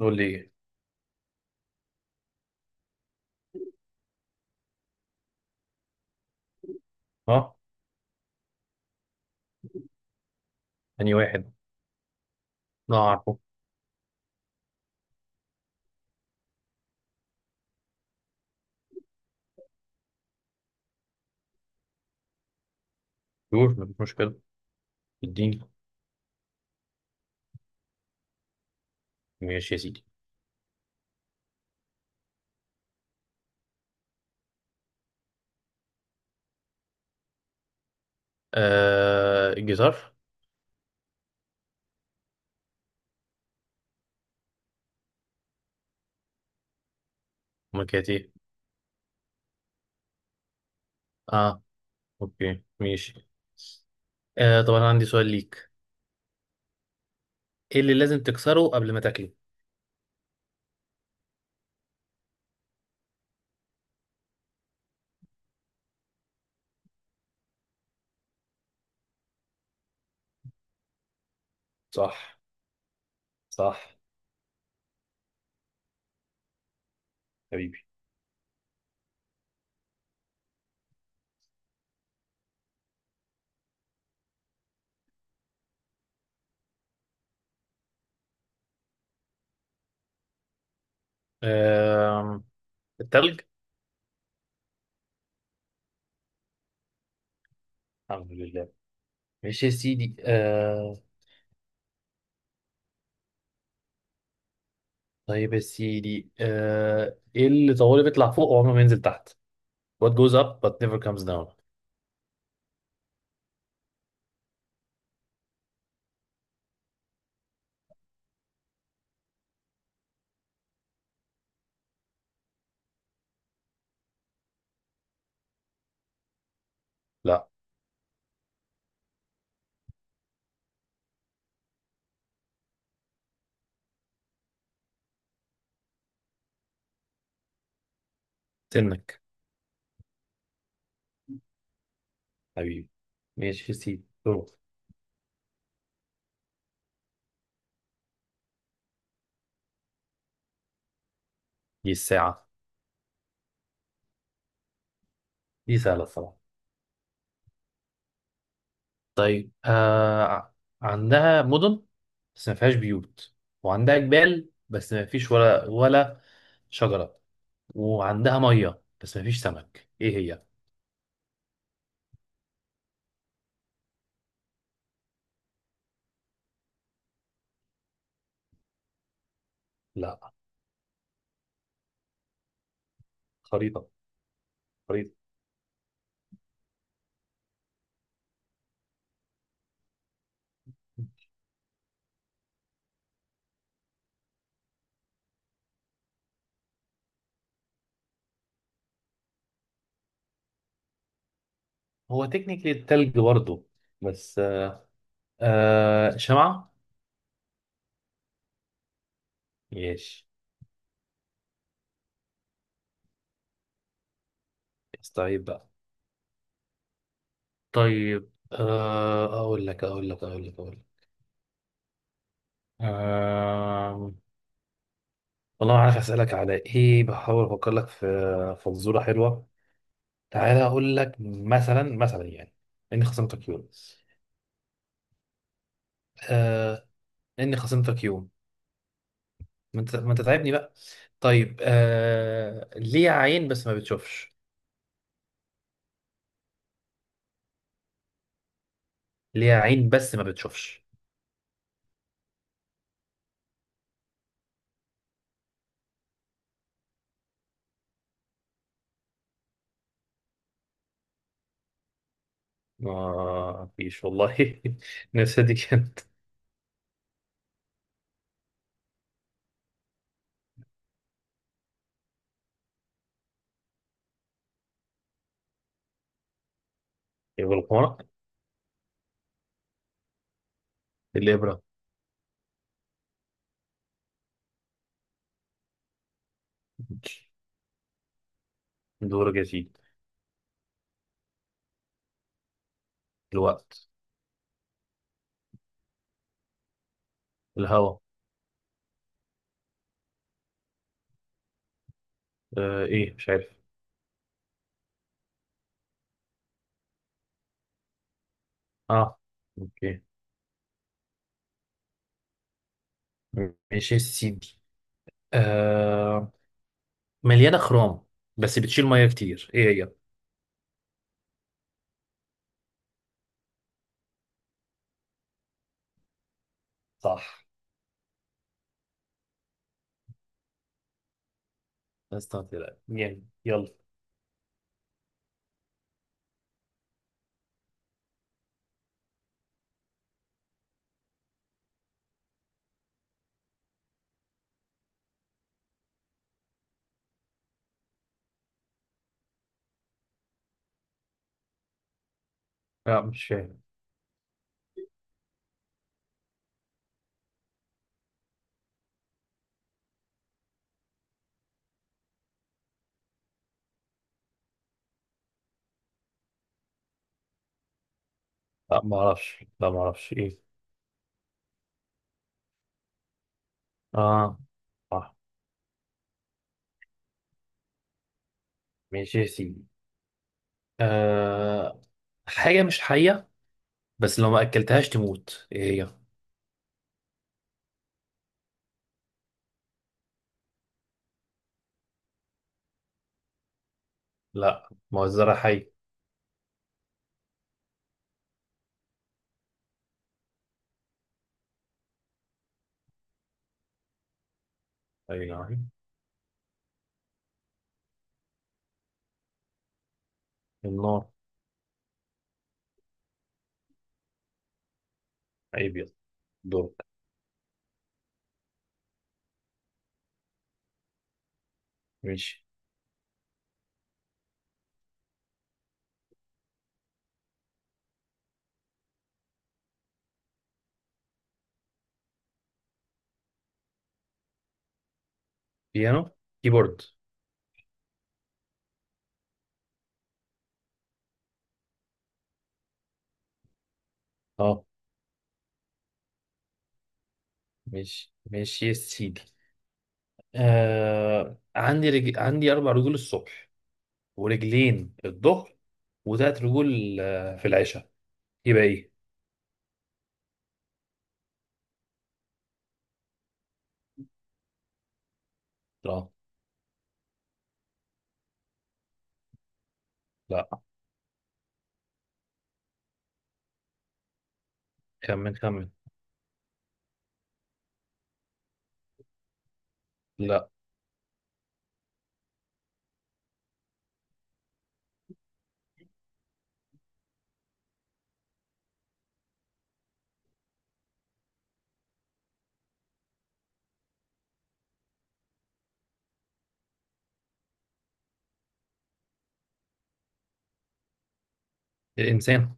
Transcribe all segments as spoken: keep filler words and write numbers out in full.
قول لي ايه؟ اه. انهي واحد؟ لا عارفه. يقول مفيش مشكله. اديني. ماشي يا سيدي. آه، الجيتار. امال كانت ايه؟ اه. اوكي، ماشي. آه، طب انا عندي سؤال ليك. ايه اللي لازم تكسره قبل ما تاكله؟ صح. صح. حبيبي. آه، التلج. الحمد لله. ماشي يا سيدي. آه، طيب يا سيدي، آه ايه اللي طوالي بيطلع فوق وعمره ما ينزل تحت. What goes up but never comes down? لا. سنك. حبيبي. ماشي يا سيدي، دور. دي الساعة. دي سهلة الصراحة. طيب، آه عندها مدن بس ما فيهاش بيوت، وعندها جبال بس ما فيش ولا ولا شجرة، وعندها مية بس ما فيش سمك. ايه هي؟ لا. خريطة. خريطة. هو تكنيكلي التلج برضه، بس آه آه شمعة. ماشي. طيب بقى. طيب، آه اقول لك اقول لك اقول لك اقول لك آه، والله ما عارف اسالك على ايه، بحاول افكر لك في فزوره حلوه. تعالى اقول لك، مثلا مثلا يعني، اني خصمتك يوم. آه. اني خصمتك يوم. ما انت ما انت تعبني بقى. طيب، آه ليه عين بس ما بتشوفش؟ ليه عين بس ما بتشوفش؟ ما فيش والله. نفسي دي كانت. يبقى الحمار. الابره. دور جديد. الوقت. الهواء. آه ايه، مش عارف. اه. اوكي. ماشي يا سيدي، آه مليانه خروم بس بتشيل ميه كتير. ايه هي؟ صح. استنى. جامد، يلا. لا، مش فاهم. لا ما اعرفش لا ما اعرفش ايه. اه صح. ماشي يا سيدي، آه حاجه مش حيه بس لو ما اكلتهاش تموت. ايه هي؟ لا، ما هو الزرع حي. اي نعم. النار. عيب، يلا. دورك. ماشي. بيانو. كيبورد. اه. ماشي، ماشي يا سيدي. آه عندي رج... عندي اربع رجول الصبح، ورجلين الظهر، وتلات رجول آه، في العشاء. يبقى ايه؟ لا. لا. خمن خمن. لا. الانسان.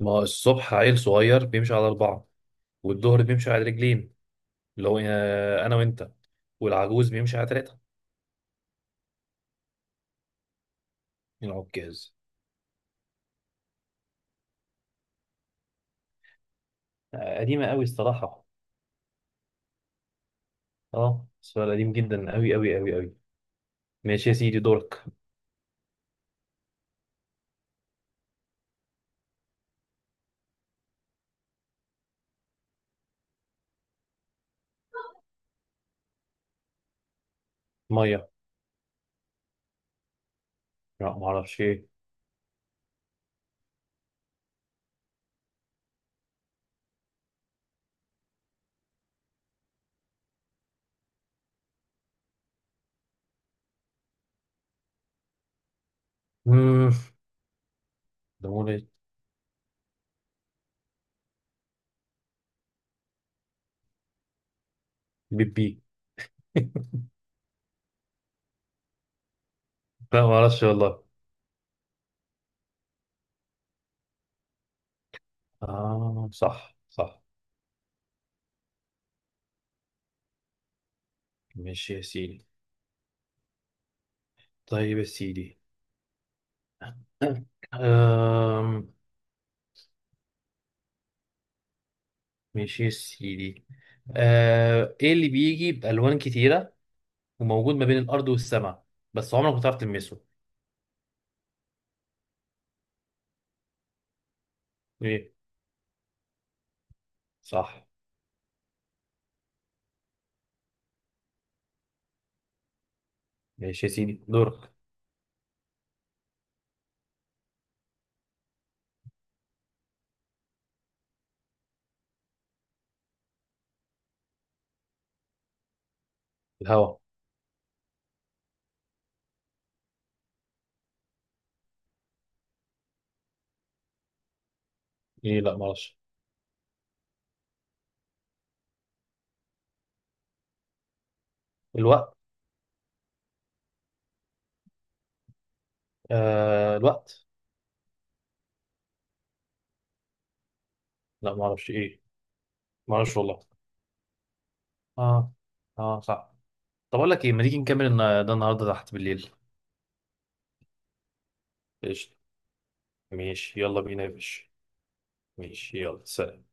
ما هو الصبح عيل صغير بيمشي على اربعه، والظهر بيمشي على رجلين، اللي هو آه، انا وانت، والعجوز بيمشي على ثلاثه. العكاز. آه، قديمه قوي الصراحه. اه، سؤال قديم جدا قوي قوي قوي قوي. ماشي يا سيدي، دورك. ميه. لا، ما اعرفش ايه. مم، ده مولد. بيبي. لا ما اعرفش والله. اه صح صح. ماشي يا سيدي. طيب يا سيدي. أم... ماشي يا سيدي. أه... ايه اللي بيجي بألوان كتيرة وموجود ما بين الأرض والسماء بس عمرك ما تعرف تلمسه؟ ايه. صح. ماشي يا سيدي، دورك. الهواء. ايه، لا معرفش. الوقت. أه... الوقت. لا معرفش ايه. معرفش والله. اه. اه صح. طب اقول لك ايه، ما تيجي نكمل النا- ده النهارده تحت بالليل. قشطة. ماشي، يلا بينا يا باشا. ماشي، يلا سلام.